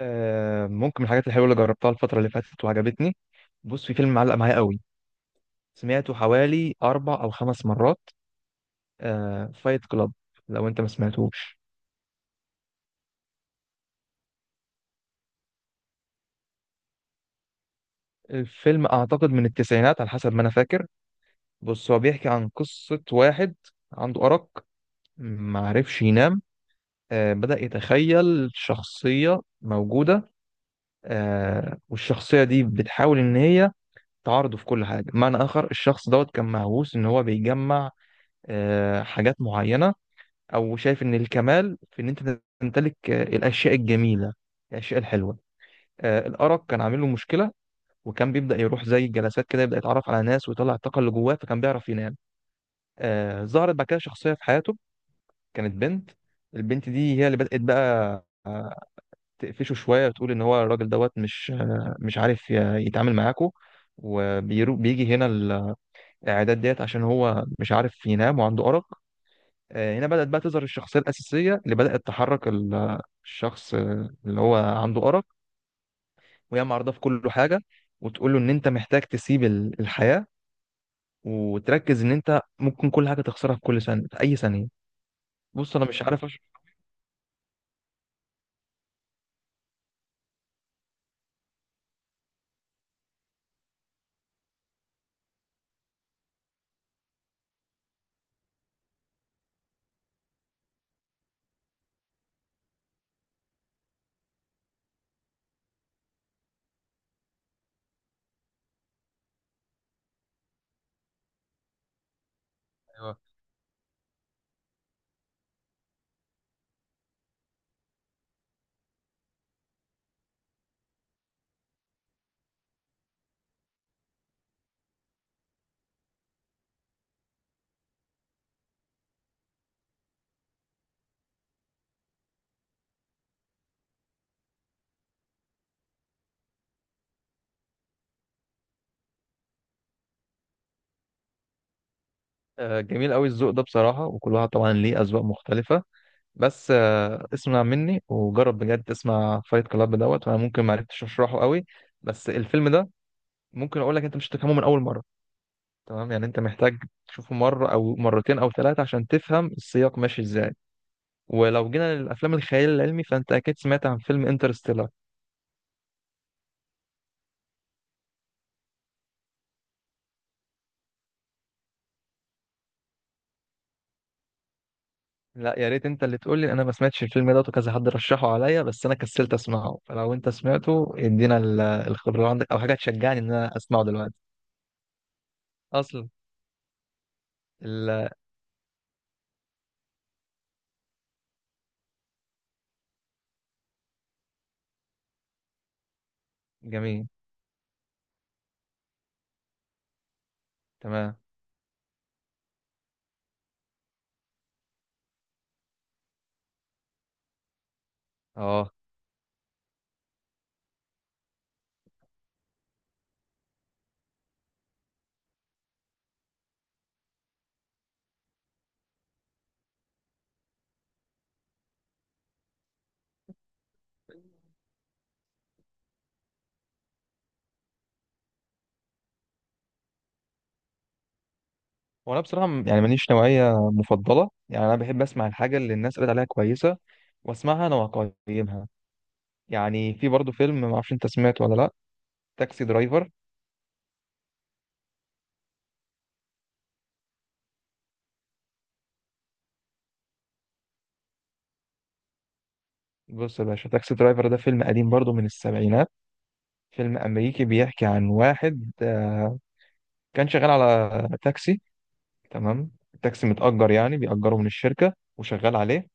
ممكن من الحاجات الحلوة اللي جربتها الفترة اللي فاتت وعجبتني. بص، في فيلم معلق معايا قوي. سمعته حوالي 4 أو 5 مرات. فايت كلاب، لو أنت ما سمعتهوش. الفيلم أعتقد من التسعينات على حسب ما أنا فاكر. بص، هو بيحكي عن قصة واحد عنده أرق، معرفش ينام. بدأ يتخيل شخصية موجودة. والشخصية دي بتحاول إن هي تعارضه في كل حاجة. بمعنى آخر، الشخص دوت كان مهووس إن هو بيجمع حاجات معينة، او شايف ان الكمال في ان انت تمتلك الاشياء الجميله، الاشياء الحلوه. الارق كان عامل له مشكله، وكان بيبدا يروح زي الجلسات كده، يبدا يتعرف على ناس ويطلع الطاقه اللي جواه، فكان بيعرف ينام. ظهرت بعد كده شخصيه في حياته، كانت بنت. البنت دي هي اللي بدات بقى تقفشه شويه وتقول ان هو الراجل دوت مش عارف يتعامل معاكو. وبيجي هنا الاعداد ديت عشان هو مش عارف ينام وعنده ارق. هنا بدأت بقى تظهر الشخصية الأساسية اللي بدأت تحرك الشخص، اللي هو عنده أرق. وهي معرضة في كل حاجة، وتقول له إن أنت محتاج تسيب الحياة، وتركز إن أنت ممكن كل حاجة تخسرها في كل ثانية، في أي ثانية. بص، أنا مش عارف أشرح. أيوه. جميل قوي الذوق ده بصراحة، وكل واحد طبعا ليه أذواق مختلفة. بس اسمع مني وجرب بجد، تسمع فايت كلاب دوت. وأنا ممكن معرفتش أشرحه قوي، بس الفيلم ده ممكن أقول لك أنت مش هتفهمه من أول مرة. تمام، يعني انت محتاج تشوفه مرة او مرتين او ثلاثة عشان تفهم السياق ماشي ازاي. ولو جينا للافلام الخيال العلمي، فانت اكيد سمعت عن فيلم انترستيلر. لا، يا ريت انت اللي تقول لي. انا ما سمعتش الفيلم ده وكذا حد رشحه عليا، بس انا كسلت اسمعه. فلو انت سمعته، ادينا الخبر عندك او حاجة تشجعني ان انا اسمعه دلوقتي. اصلا. ال- جميل. تمام. اه. وانا بصراحة يعني ماليش نوعية مفضلة، يعني انا بحب اسمع الحاجة اللي الناس قالت عليها كويسة، واسمعها انا واقيمها. يعني في برضه فيلم ما اعرفش انت سمعته ولا لا. تاكسي درايفر. بص يا باشا، تاكسي درايفر ده فيلم قديم برضه من السبعينات. فيلم امريكي بيحكي عن واحد، كان شغال على تاكسي. تمام، التاكسي متأجر، يعني بيأجره من الشركة وشغال عليه.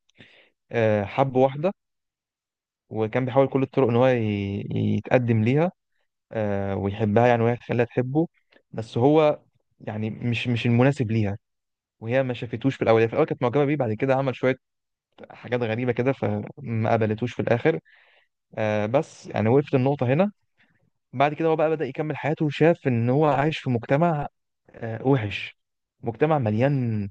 حب واحدة، وكان بيحاول كل الطرق ان هو يتقدم ليها ويحبها، يعني وهي تخليها تحبه. بس هو يعني مش المناسب ليها، وهي ما شافتوش في الاول. هي في الاول كانت معجبه بيه، بعد كده عمل شويه حاجات غريبه كده، فما قبلتوش في الاخر. بس يعني وقفت النقطة هنا. بعد كده هو بقى بدأ يكمل حياته، وشاف إن هو عايش في مجتمع وحش، مجتمع مليان،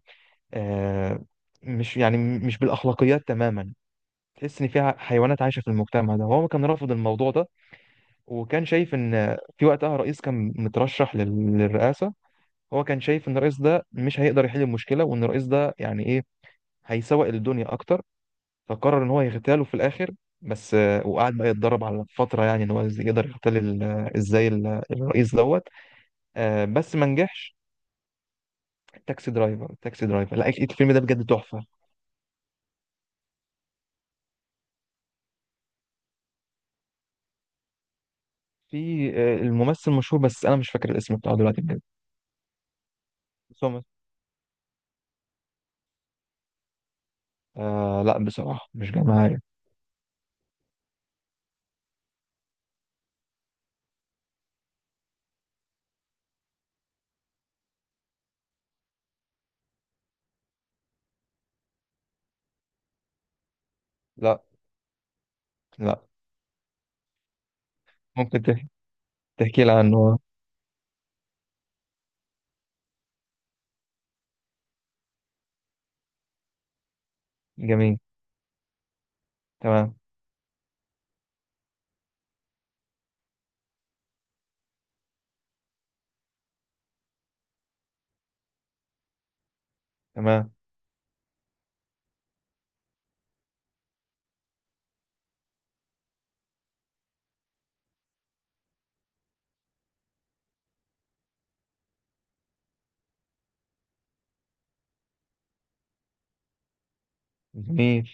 آه مش يعني مش بالأخلاقيات تماما. تحس إن فيها حيوانات عايشة في المجتمع ده. هو كان رافض الموضوع ده. وكان شايف إن في وقتها رئيس كان مترشح للرئاسة. هو كان شايف إن الرئيس ده مش هيقدر يحل المشكلة، وإن الرئيس ده يعني إيه، هيسوق الدنيا أكتر. فقرر ان هو يغتاله في الاخر. بس وقعد بقى يتدرب على فتره، يعني ان هو يقدر يغتال ازاي الرئيس دوت، بس ما نجحش. تاكسي درايفر. تاكسي درايفر. لا، الفيلم ده بجد تحفه. في الممثل مشهور، بس انا مش فاكر الاسم بتاعه دلوقتي بجد. سومر. لا، بصراحه مش جاي معايا. لا. لا، ممكن تحكي لي عنه. جميل. تمام. تمام. جميل.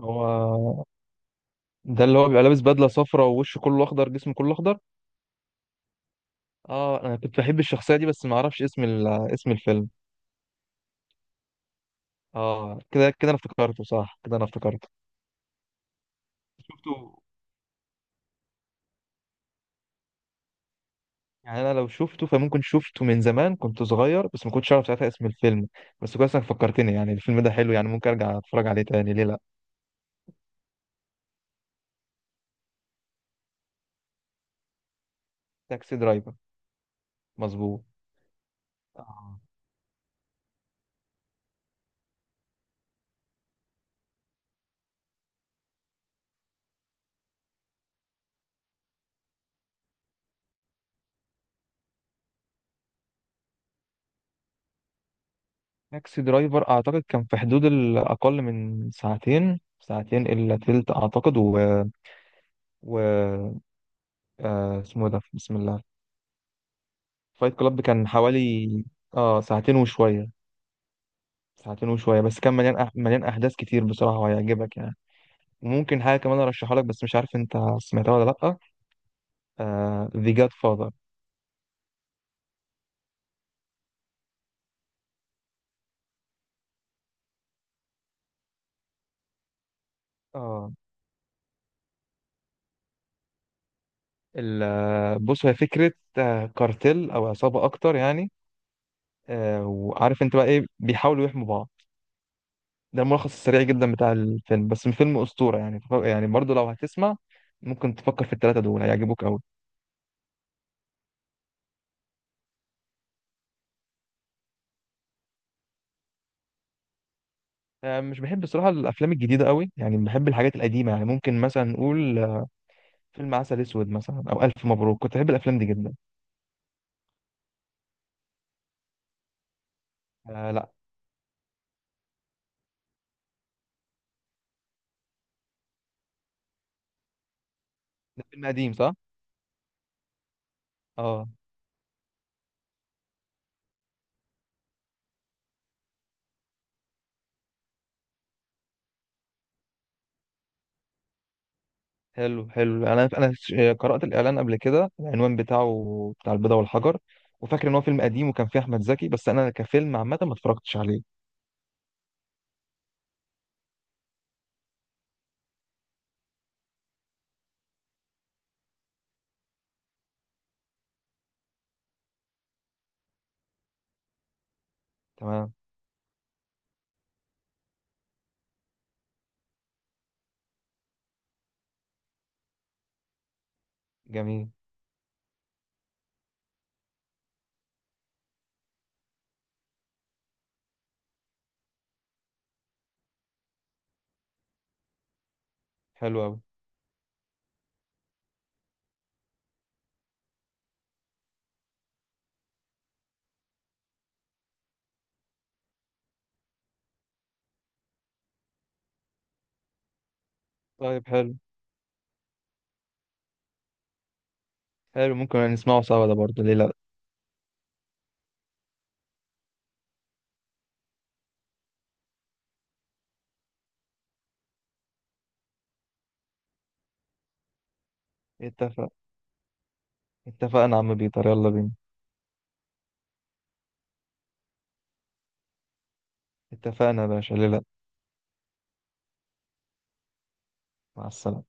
هو ده اللي هو بيبقى لابس بدله صفراء ووشه كله اخضر، جسمه كله اخضر. اه، انا كنت بحب الشخصيه دي، بس ما اعرفش اسم اسم الفيلم. اه، كده كده انا افتكرته، صح كده انا افتكرته. شفته. يعني انا لو شفته، فممكن شفته من زمان كنت صغير، بس ما كنتش اعرف ساعتها اسم الفيلم. بس كويس انك فكرتني. يعني الفيلم ده حلو، يعني ممكن ارجع اتفرج عليه تاني، ليه لا؟ تاكسي درايفر. مظبوط. آه. تاكسي درايفر اعتقد كان في حدود الاقل من ساعتين، ساعتين الا تلت اعتقد و... اسمه إيه ده، بسم الله. فايت كلاب كان حوالي اه ساعتين وشويه. ساعتين وشوية، بس كان مليان أحداث كتير بصراحة، وهيعجبك يعني. ممكن حاجة كمان أرشحها لك، بس مش عارف أنت سمعتها ولا لأ. The Godfather. آه ال... آه، بص، هي فكرة كارتيل أو عصابة أكتر يعني، وعارف أنت بقى إيه، بيحاولوا يحموا بعض. ده الملخص السريع جدا بتاع الفيلم، بس فيلم أسطورة يعني. يعني برضه لو هتسمع، ممكن تفكر في التلاتة دول، هيعجبوك أوي. مش بحب بصراحة الأفلام الجديدة أوي، يعني بحب الحاجات القديمة. يعني ممكن مثلا نقول فيلم عسل اسود مثلا، او الف مبروك. كنت بحب الافلام دي جدا. لا، ده فيلم قديم، صح؟ اه. حلو حلو، انا قرات الاعلان قبل كده، العنوان بتاعه بتاع البيضه والحجر. وفاكر ان هو فيلم قديم وكان فيه احمد زكي، بس انا كفيلم عامه ما اتفرجتش عليه. تمام. جميل. حلو قوي. طيب، حلو. حلو، ممكن نسمعه سوا ده برضه، ليه لا؟ اتفق. اتفقنا يا عم بيتر، يلا بينا. اتفقنا يا باشا، ليه لا؟ مع السلامه.